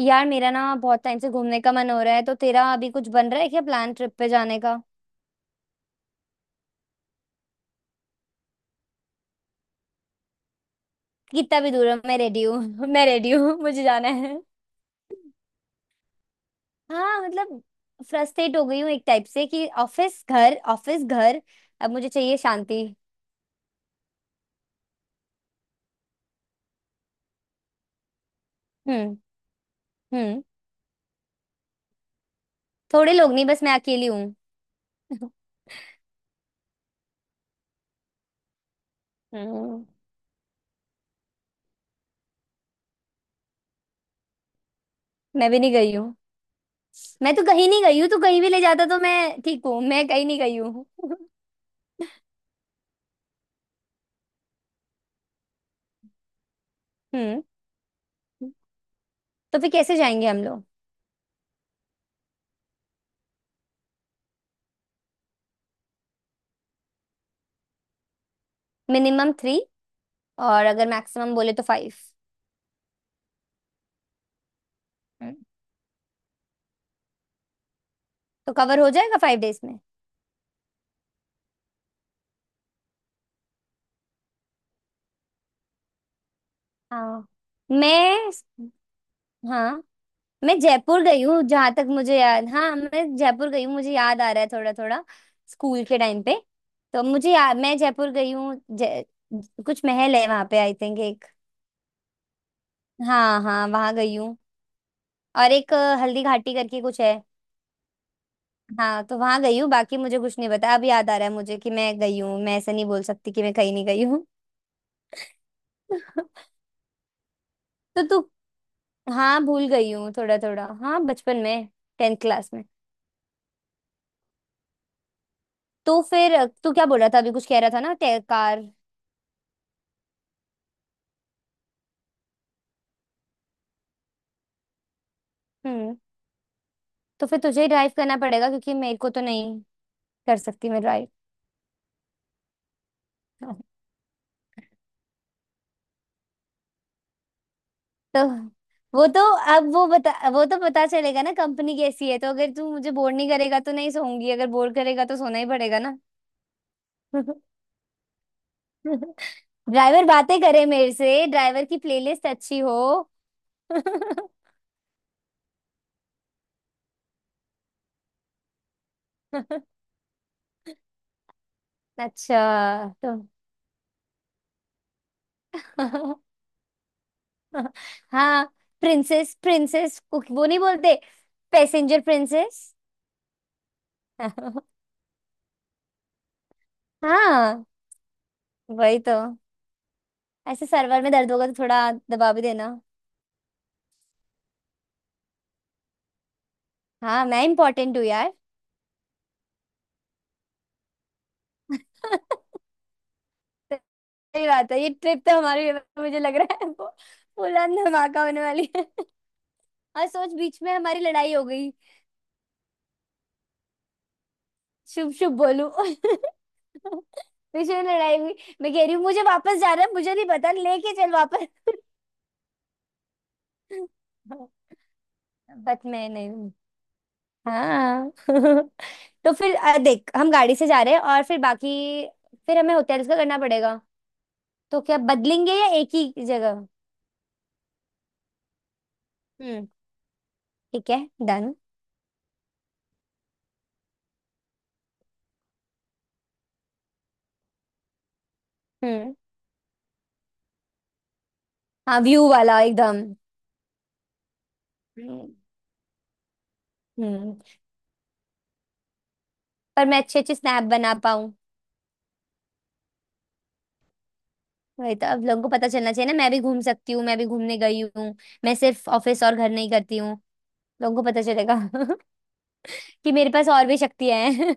यार मेरा ना बहुत टाइम से घूमने का मन हो रहा है। तो तेरा अभी कुछ बन रहा है क्या, प्लान ट्रिप पे जाने का? कितना भी दूर है, मैं रेडी हूँ। मैं रेडी हूँ, मुझे जाना है। हाँ मतलब, फ्रस्ट्रेट हो गई हूँ एक टाइप से कि ऑफिस घर ऑफिस घर। अब मुझे चाहिए शांति। हम्म। हम्म। थोड़े लोग नहीं, बस मैं अकेली हूँ। हम्म। मैं भी नहीं गई हूँ। मैं तो कहीं नहीं गई हूँ, तू कहीं भी ले जाता तो मैं ठीक हूँ, मैं कहीं नहीं गई हूँ। हम्म। तो फिर कैसे जाएंगे हम लोग? Minimum three. और अगर मैक्सिमम बोले तो फाइव। तो कवर हो जाएगा 5 डेज में। हाँ मैं हाँ मैं जयपुर गई हूँ, जहां तक मुझे याद। हाँ, मैं जयपुर गई हूँ, मुझे याद आ रहा है थोड़ा थोड़ा। स्कूल के टाइम पे। मैं जयपुर गई हूँ जय कुछ महल है वहां पे, आई थिंक एक। हाँ हाँ, वहां गई हूँ। और एक हल्दी घाटी करके कुछ है। हाँ, तो वहां गई हूँ। बाकी मुझे कुछ नहीं पता। अब याद आ रहा है मुझे कि मैं गई हूँ, मैं ऐसा नहीं बोल सकती कि मैं कहीं नहीं गई हूँ। तो तू। हाँ भूल गई हूँ थोड़ा थोड़ा, हाँ बचपन में। 10th क्लास में। तो फिर तू क्या बोल रहा था, अभी कुछ कह रहा था ना कार। हम्म। तो फिर तुझे ही ड्राइव करना पड़ेगा क्योंकि मेरे को तो नहीं कर सकती मैं ड्राइव। तो वो तो, अब वो बता, वो तो पता चलेगा ना कंपनी कैसी है, तो अगर तू मुझे बोर नहीं करेगा तो नहीं सोऊंगी, अगर बोर करेगा तो सोना ही पड़ेगा ना। ड्राइवर बातें करे मेरे से, ड्राइवर की प्लेलिस्ट अच्छी हो। अच्छा तो। हाँ। प्रिंसेस प्रिंसेस वो नहीं बोलते? Passenger princess. हाँ, वही तो। ऐसे सर्वर में दर्द होगा तो थोड़ा दबा भी देना। हाँ मैं इम्पोर्टेंट हूँ यार। सही बात है। ये ट्रिप तो हमारे, मुझे लग रहा है वो उड़ान धमाका होने वाली है। और सोच, बीच में हमारी लड़ाई हो गई। शुभ शुभ बोलू। बीच में लड़ाई हुई। मैं कह रही हूँ मुझे वापस जाना है, मुझे नहीं पता, लेके चल वापस। बट मैं नहीं। हाँ। तो फिर देख, हम गाड़ी से जा रहे हैं, और फिर बाकी। फिर हमें होटल्स का करना पड़ेगा। तो क्या बदलेंगे या एक ही जगह? हम्म। ठीक है, डन। हम्म। हाँ, व्यू वाला एकदम। हम्म। हम्म, पर मैं अच्छे अच्छे स्नैप बना पाऊँ। वही तो, अब लोगों को पता चलना चाहिए ना मैं भी घूम सकती हूँ, मैं भी घूमने गई हूँ। मैं सिर्फ ऑफिस और घर नहीं करती हूँ। लोगों को पता चलेगा। कि मेरे पास और भी शक्तियां हैं।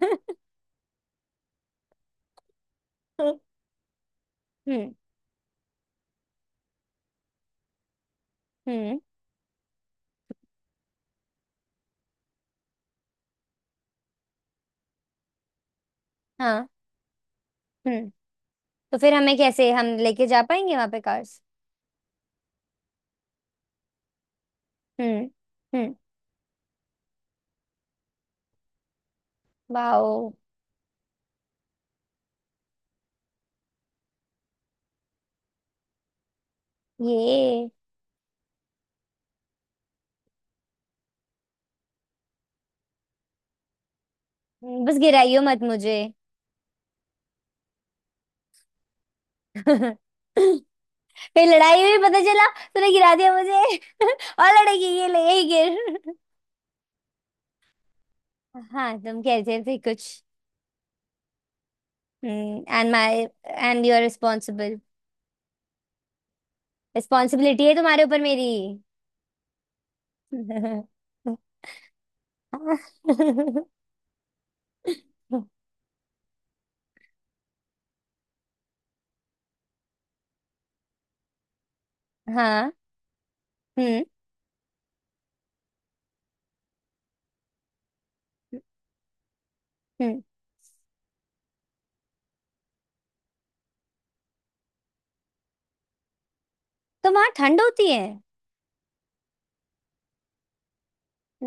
हम्म। हम्म। हाँ। हम्म। तो फिर हमें कैसे हम लेके जा पाएंगे वहां पे कार? हम्म। हम्म। वाओ। ये। बस गिराइयो मत मुझे। फिर लड़ाई हुई पता चला, तूने गिरा दिया मुझे। और लड़ेगी ये, ले यही गिर। हाँ तुम कह रहे थे कुछ। Hmm. And my, and you are responsible. Responsibility है तुम्हारे ऊपर मेरी। हाँ। हम्म। हम्म। तो वहाँ ठंड होती है?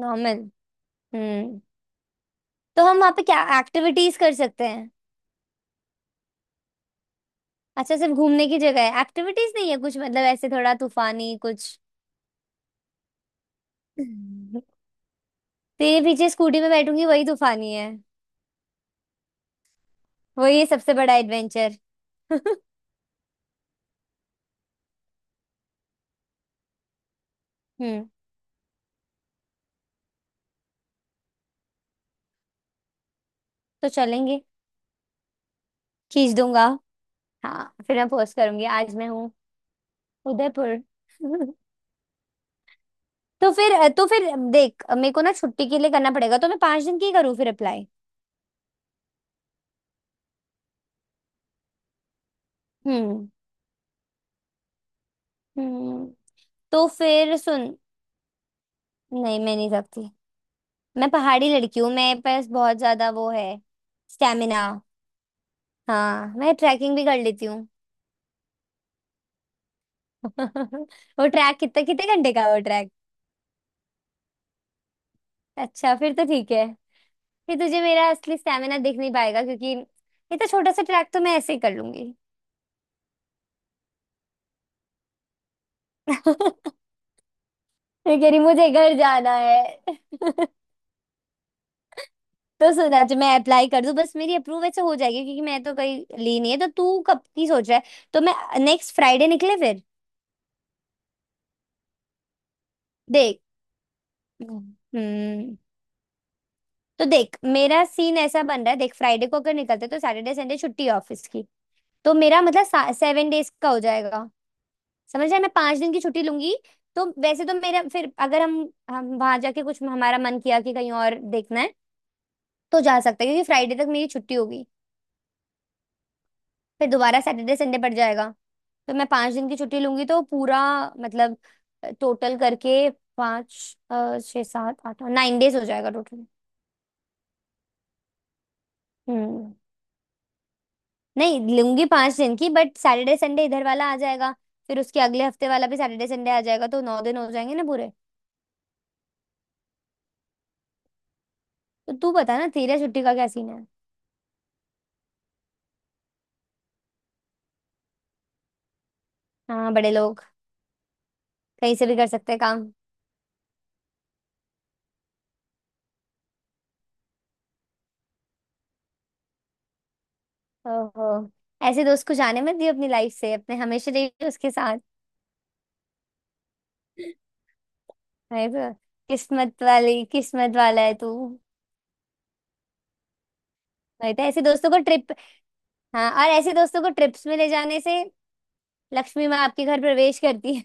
नॉर्मल। हम्म। तो हम वहाँ पे क्या एक्टिविटीज कर सकते? अच्छा, सिर्फ घूमने की जगह है, एक्टिविटीज नहीं है कुछ मतलब ऐसे थोड़ा तूफानी कुछ? तेरे पीछे स्कूटी में बैठूंगी वही तूफानी है। वही है सबसे बड़ा एडवेंचर। हम्म। तो चलेंगे। खींच दूंगा। हाँ फिर मैं पोस्ट करूंगी, आज मैं हूँ उदयपुर। तो फिर, तो फिर देख, मेरे को ना छुट्टी के लिए करना पड़ेगा, तो मैं 5 दिन की करूँ फिर अप्लाई। हम्म। हम्म। तो फिर सुन। नहीं मैं नहीं सकती। मैं पहाड़ी लड़की हूँ, मेरे पास बहुत ज्यादा वो है। स्टेमिना। हाँ मैं ट्रैकिंग भी कर लेती हूँ। वो ट्रैक कितना, कितने घंटे का है वो ट्रैक? अच्छा फिर तो ठीक है। फिर तुझे मेरा असली स्टेमिना दिख नहीं पाएगा क्योंकि इतना छोटा सा ट्रैक तो मैं ऐसे ही कर लूंगी। मैं कह रही, मुझे घर जाना है। तो सुना, जो मैं अप्लाई कर दूं बस मेरी अप्रूव ऐसे हो जाएगी क्योंकि मैं तो कहीं ली नहीं है, तो तू कब की सोच रहा है? तो मैं, नेक्स्ट फ्राइडे निकले फिर? देख। हम्म। तो देख, मेरा सीन ऐसा बन रहा है, देख फ्राइडे को अगर निकलते तो सैटरडे संडे छुट्टी है ऑफिस की। तो मेरा मतलब 7 डेज का हो जाएगा। समझ रहे हैं? मैं 5 दिन की छुट्टी लूंगी। तो वैसे तो मेरा फिर अगर हम, हम वहां जाके कुछ हमारा मन किया कि कहीं और देखना है, तो जा सकते हैं क्योंकि फ्राइडे तक मेरी छुट्टी होगी। फिर दोबारा सैटरडे संडे पड़ जाएगा। तो मैं पांच दिन की छुट्टी लूंगी तो पूरा मतलब टोटल करके पाँच छः सात आठ नाइन डेज हो जाएगा टोटल। हम्म। नहीं लूंगी 5 दिन की, बट सैटरडे संडे इधर वाला आ जाएगा। फिर उसके अगले हफ्ते वाला भी सैटरडे संडे आ जाएगा, तो 9 दिन हो जाएंगे ना पूरे। तो तू बता ना तेरा छुट्टी का क्या सीन है? हाँ बड़े लोग। कहीं से भी कर सकते हैं काम। ओहो। ऐसे दोस्त को जाने मत दियो अपनी लाइफ से, अपने हमेशा रहिए उसके साथ। नहीं तो। किस्मत वाली, किस्मत वाला है तू। नहीं तो ऐसे दोस्तों को ट्रिप। हाँ, और ऐसे दोस्तों को ट्रिप्स में ले जाने से लक्ष्मी माँ आपके घर प्रवेश करती है।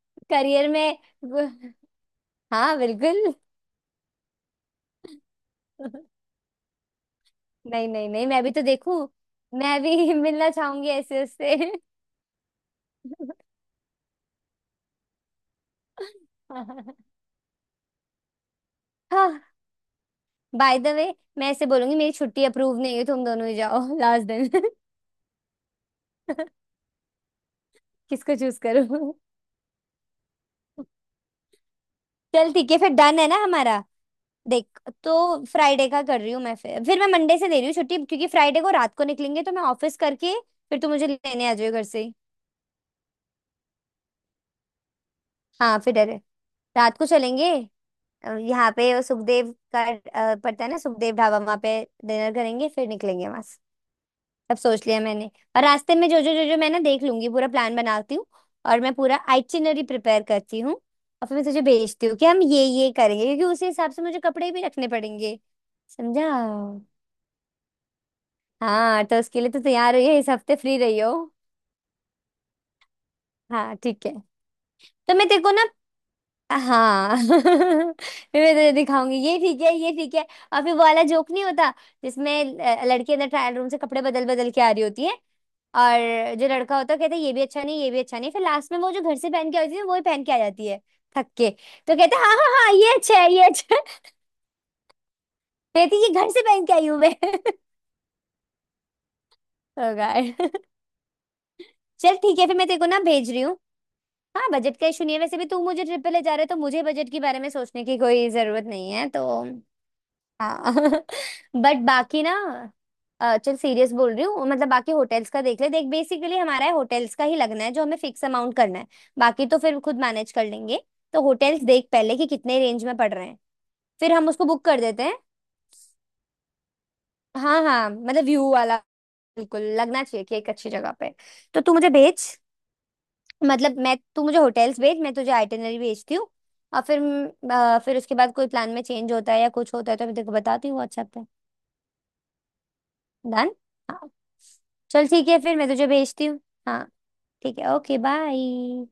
करियर में। वो-। हाँ बिल्कुल। नहीं नहीं नहीं, मैं भी तो देखूं। मैं भी मिलना चाहूंगी ऐसे उससे। हाँ, बाय द वे मैं ऐसे बोलूंगी मेरी छुट्टी अप्रूव नहीं हुई, तुम दोनों ही जाओ। लास्ट दिन। किसको चूज करूं? चल ठीक है, फिर डन है ना हमारा। देख तो फ्राइडे का कर रही हूँ मैं, फिर मैं मंडे से दे रही हूँ छुट्टी, क्योंकि फ्राइडे को रात को निकलेंगे तो मैं ऑफिस करके। फिर तू मुझे लेने आ जाओ घर से ही। हाँ फिर अरे। रात को चलेंगे। यहाँ पे वो सुखदेव का, पड़ता है ना सुखदेव ढाबा, वहाँ पे डिनर करेंगे फिर निकलेंगे वहां। सब सोच लिया मैंने। और रास्ते में जो जो जो जो मैं ना देख लूंगी, पूरा प्लान बनाती हूँ। और मैं पूरा आइटिनरी प्रिपेयर करती हूँ, और फिर मैं तुझे भेजती हूँ कि हम ये करेंगे, क्योंकि उसी हिसाब से मुझे कपड़े भी रखने पड़ेंगे। समझा। हाँ, तो उसके लिए तो तैयार रही है, इस हफ्ते फ्री रही हो। हाँ ठीक है। तो मैं तेरे को ना, हाँ मैं तुझे दिखाऊंगी ये ठीक है ये ठीक है। और फिर वो वाला जोक नहीं होता जिसमें लड़की अंदर ट्रायल रूम से कपड़े बदल बदल के आ रही होती है, और जो लड़का होता है कहता है ये भी अच्छा नहीं, ये भी अच्छा नहीं, फिर लास्ट में वो जो घर से पहन के आई थी वो ही पहन के आ जाती है। थक के तो कहता है हाँ हाँ हाँ ये अच्छा है ये अच्छा है। कहती है, ये घर से पहन के आई हूँ मैं। ओ गॉड। चल ठीक है फिर मैं तेरे को ना भेज रही हूँ। हाँ बजट का इशू नहीं है, वैसे भी तू मुझे ट्रिप पे ले जा रहे तो मुझे बजट के बारे में सोचने की कोई जरूरत नहीं है तो। हाँ बट बाकी ना, चल सीरियस बोल रही हूँ, मतलब बाकी होटल्स का देख ले, देख बेसिकली हमारा है होटल्स का ही लगना है, जो हमें फिक्स अमाउंट करना है। बाकी तो फिर खुद मैनेज कर लेंगे। तो होटल्स देख पहले कि कितने रेंज में पड़ रहे हैं, फिर हम उसको बुक कर देते हैं। हाँ हाँ, मतलब व्यू वाला बिल्कुल लगना चाहिए कि एक अच्छी जगह पे। तो तू मुझे भेज मतलब मैं, तू मुझे होटल्स भेज, मैं तुझे आइटनरी भेजती हूँ। और फिर फिर उसके बाद कोई प्लान में चेंज होता है या कुछ होता है तो मैं तेरे को बताती हूँ व्हाट्सएप। डन। हाँ चल ठीक है फिर मैं तुझे भेजती हूँ। हाँ ठीक है, ओके बाय।